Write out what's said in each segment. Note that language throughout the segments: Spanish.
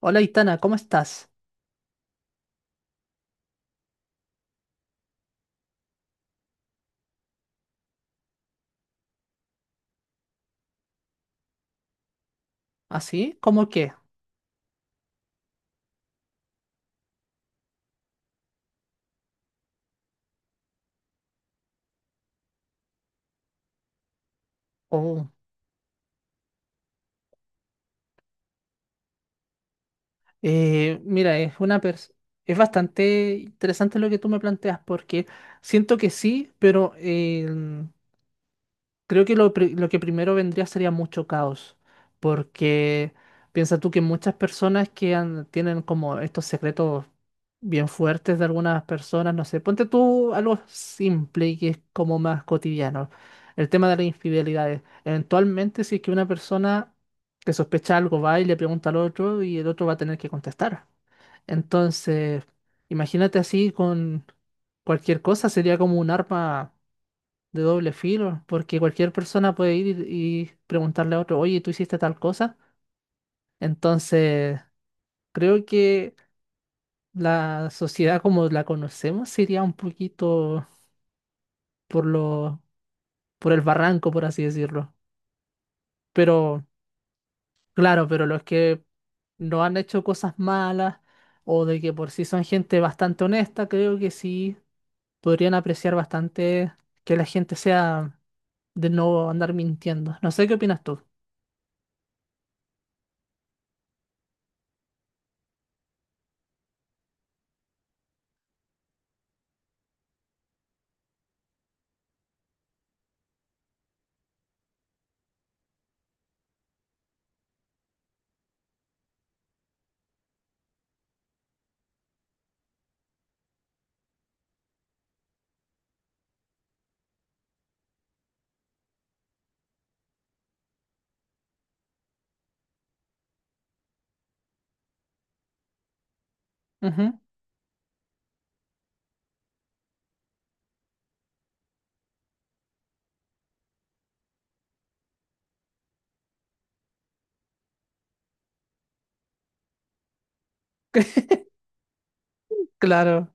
Hola, Itana, ¿cómo estás? ¿Así? ¿Cómo qué? Oh, mira, es bastante interesante lo que tú me planteas porque siento que sí, pero creo que lo que primero vendría sería mucho caos, porque piensa tú que muchas personas tienen como estos secretos bien fuertes de algunas personas, no sé, ponte tú algo simple y que es como más cotidiano, el tema de las infidelidades. Eventualmente, si es que una persona que sospecha algo va y le pregunta al otro y el otro va a tener que contestar. Entonces, imagínate así con cualquier cosa, sería como un arma de doble filo, porque cualquier persona puede ir y preguntarle a otro, oye, ¿tú hiciste tal cosa? Entonces, creo que la sociedad como la conocemos sería un poquito por lo, por el barranco, por así decirlo. Pero, claro, pero los que no han hecho cosas malas o de que por sí son gente bastante honesta, creo que sí podrían apreciar bastante que la gente sea de no andar mintiendo. No sé qué opinas tú. Ujú. Claro.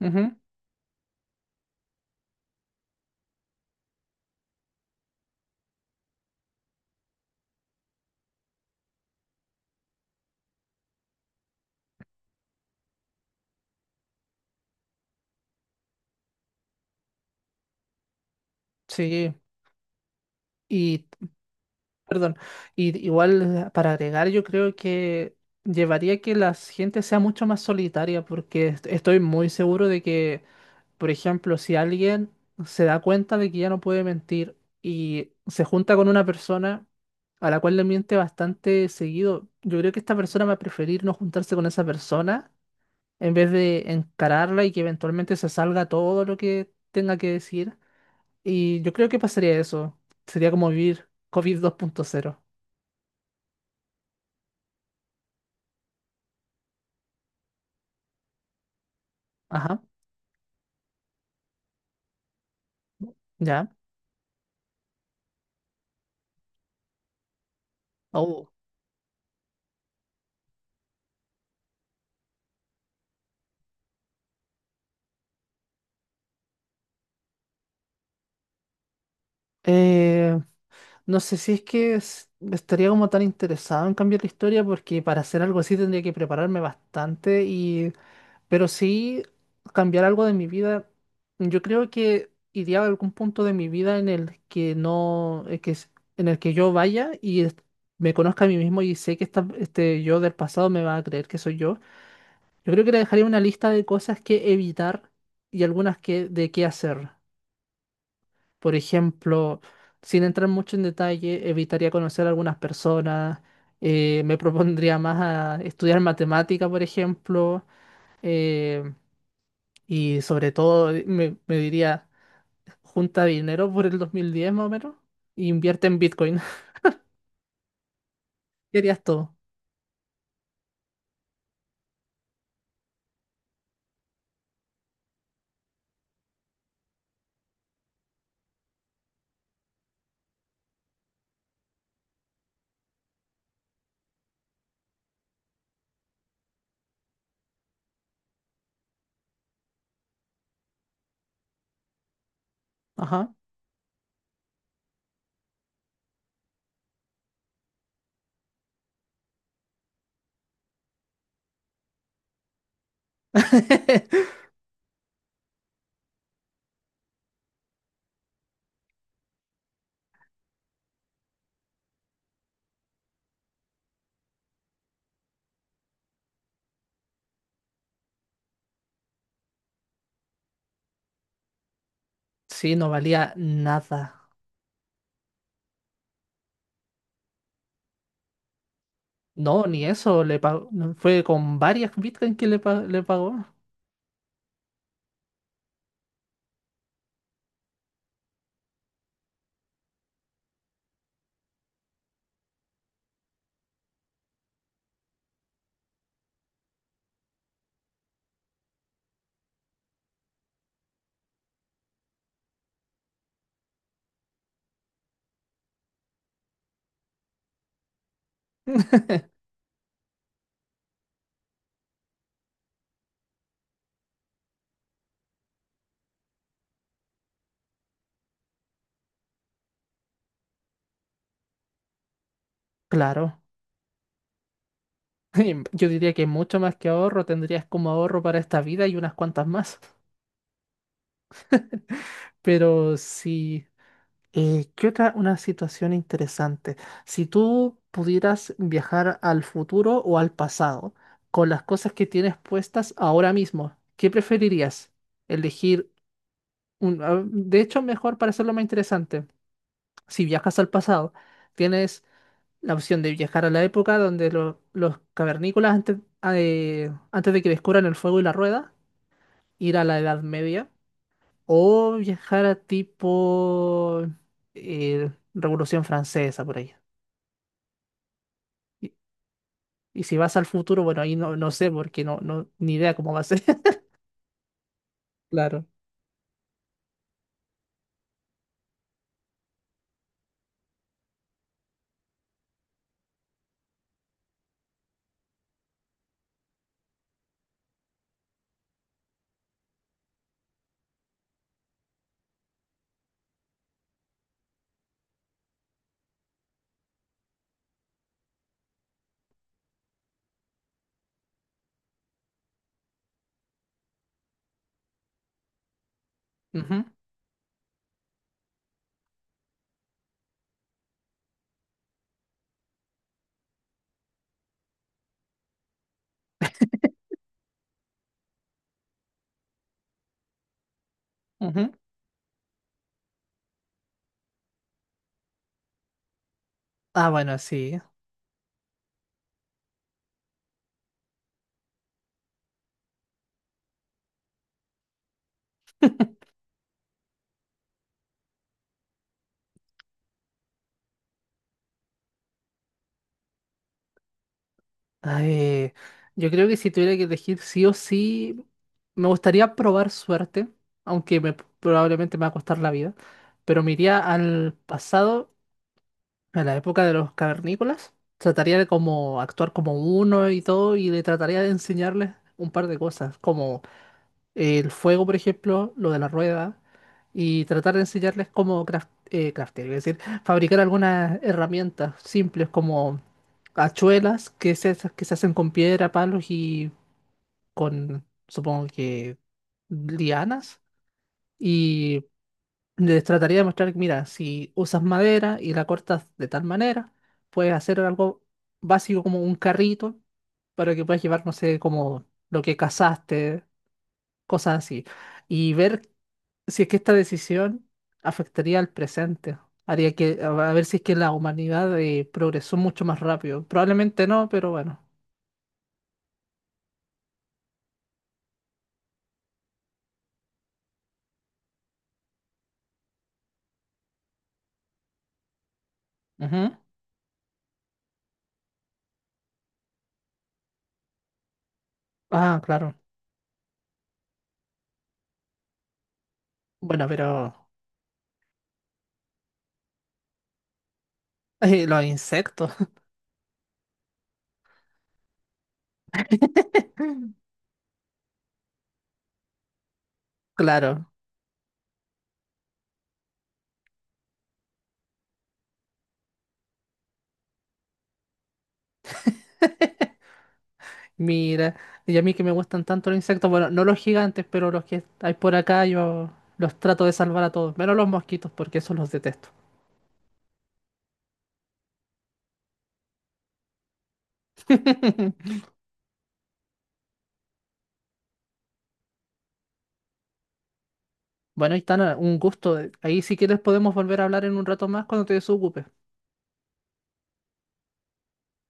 Ujú. Sí, y perdón, y igual para agregar, yo creo que llevaría que la gente sea mucho más solitaria, porque estoy muy seguro de que, por ejemplo, si alguien se da cuenta de que ya no puede mentir y se junta con una persona a la cual le miente bastante seguido, yo creo que esta persona va a preferir no juntarse con esa persona en vez de encararla y que eventualmente se salga todo lo que tenga que decir. Y yo creo que pasaría eso. Sería como vivir COVID dos punto cero. Ajá, ya. Oh. Eh, no sé si es que estaría como tan interesado en cambiar la historia porque para hacer algo así tendría que prepararme bastante y... Pero sí cambiar algo de mi vida. Yo creo que iría a algún punto de mi vida en el que no... en el que yo me conozca a mí mismo y sé que este yo del pasado me va a creer que soy yo. Yo creo que le dejaría una lista de cosas que evitar y algunas de qué hacer. Por ejemplo, sin entrar mucho en detalle, evitaría conocer a algunas personas, me propondría más a estudiar matemática, por ejemplo, eh, y sobre todo me diría, junta dinero por el 2010 más o menos, e invierte en Bitcoin. Querías todo. Ajá. Sí, no valía nada. No, ni eso, le pagó, no, fue con varias Bitcoin que le pagó. Claro. Yo diría que mucho más que ahorro tendrías como ahorro para esta vida y unas cuantas más. Pero sí, ¿qué otra? Una situación interesante. Si tú pudieras viajar al futuro o al pasado con las cosas que tienes puestas ahora mismo, ¿qué preferirías? Elegir de hecho, mejor para hacerlo más interesante. Si viajas al pasado, tienes la opción de viajar a la época donde los cavernícolas antes, antes de que descubran el fuego y la rueda, ir a la Edad Media, o viajar a tipo Revolución Francesa por ahí. Y, y si vas al futuro, bueno, ahí no sé porque ni idea cómo va a ser. Claro. Ujú, ujú. Ah, bueno, sí. Ay, yo creo que si tuviera que elegir sí o sí, me gustaría probar suerte, aunque me, probablemente me va a costar la vida, pero me iría al pasado, a la época de los cavernícolas, trataría de como actuar como uno y todo, y le trataría de enseñarles un par de cosas, como el fuego, por ejemplo, lo de la rueda, y tratar de enseñarles cómo craftear, es decir, fabricar algunas herramientas simples como hachuelas que se hacen con piedra, palos y con, supongo que, lianas. Y les trataría de mostrar, mira, si usas madera y la cortas de tal manera, puedes hacer algo básico como un carrito para que puedas llevar, no sé, como lo que cazaste, cosas así y ver si es que esta decisión afectaría al presente, haría que, a ver si es que la humanidad progresó mucho más rápido. Probablemente no, pero bueno. Ujú. Ah, claro. Bueno, pero los insectos. Claro. Mira, y a mí que me gustan tanto los insectos, bueno, no los gigantes, pero los que hay por acá, yo los trato de salvar a todos, menos los mosquitos, porque esos los detesto. Bueno, Itana, un gusto. Ahí si quieres podemos volver a hablar en un rato más cuando te desocupes.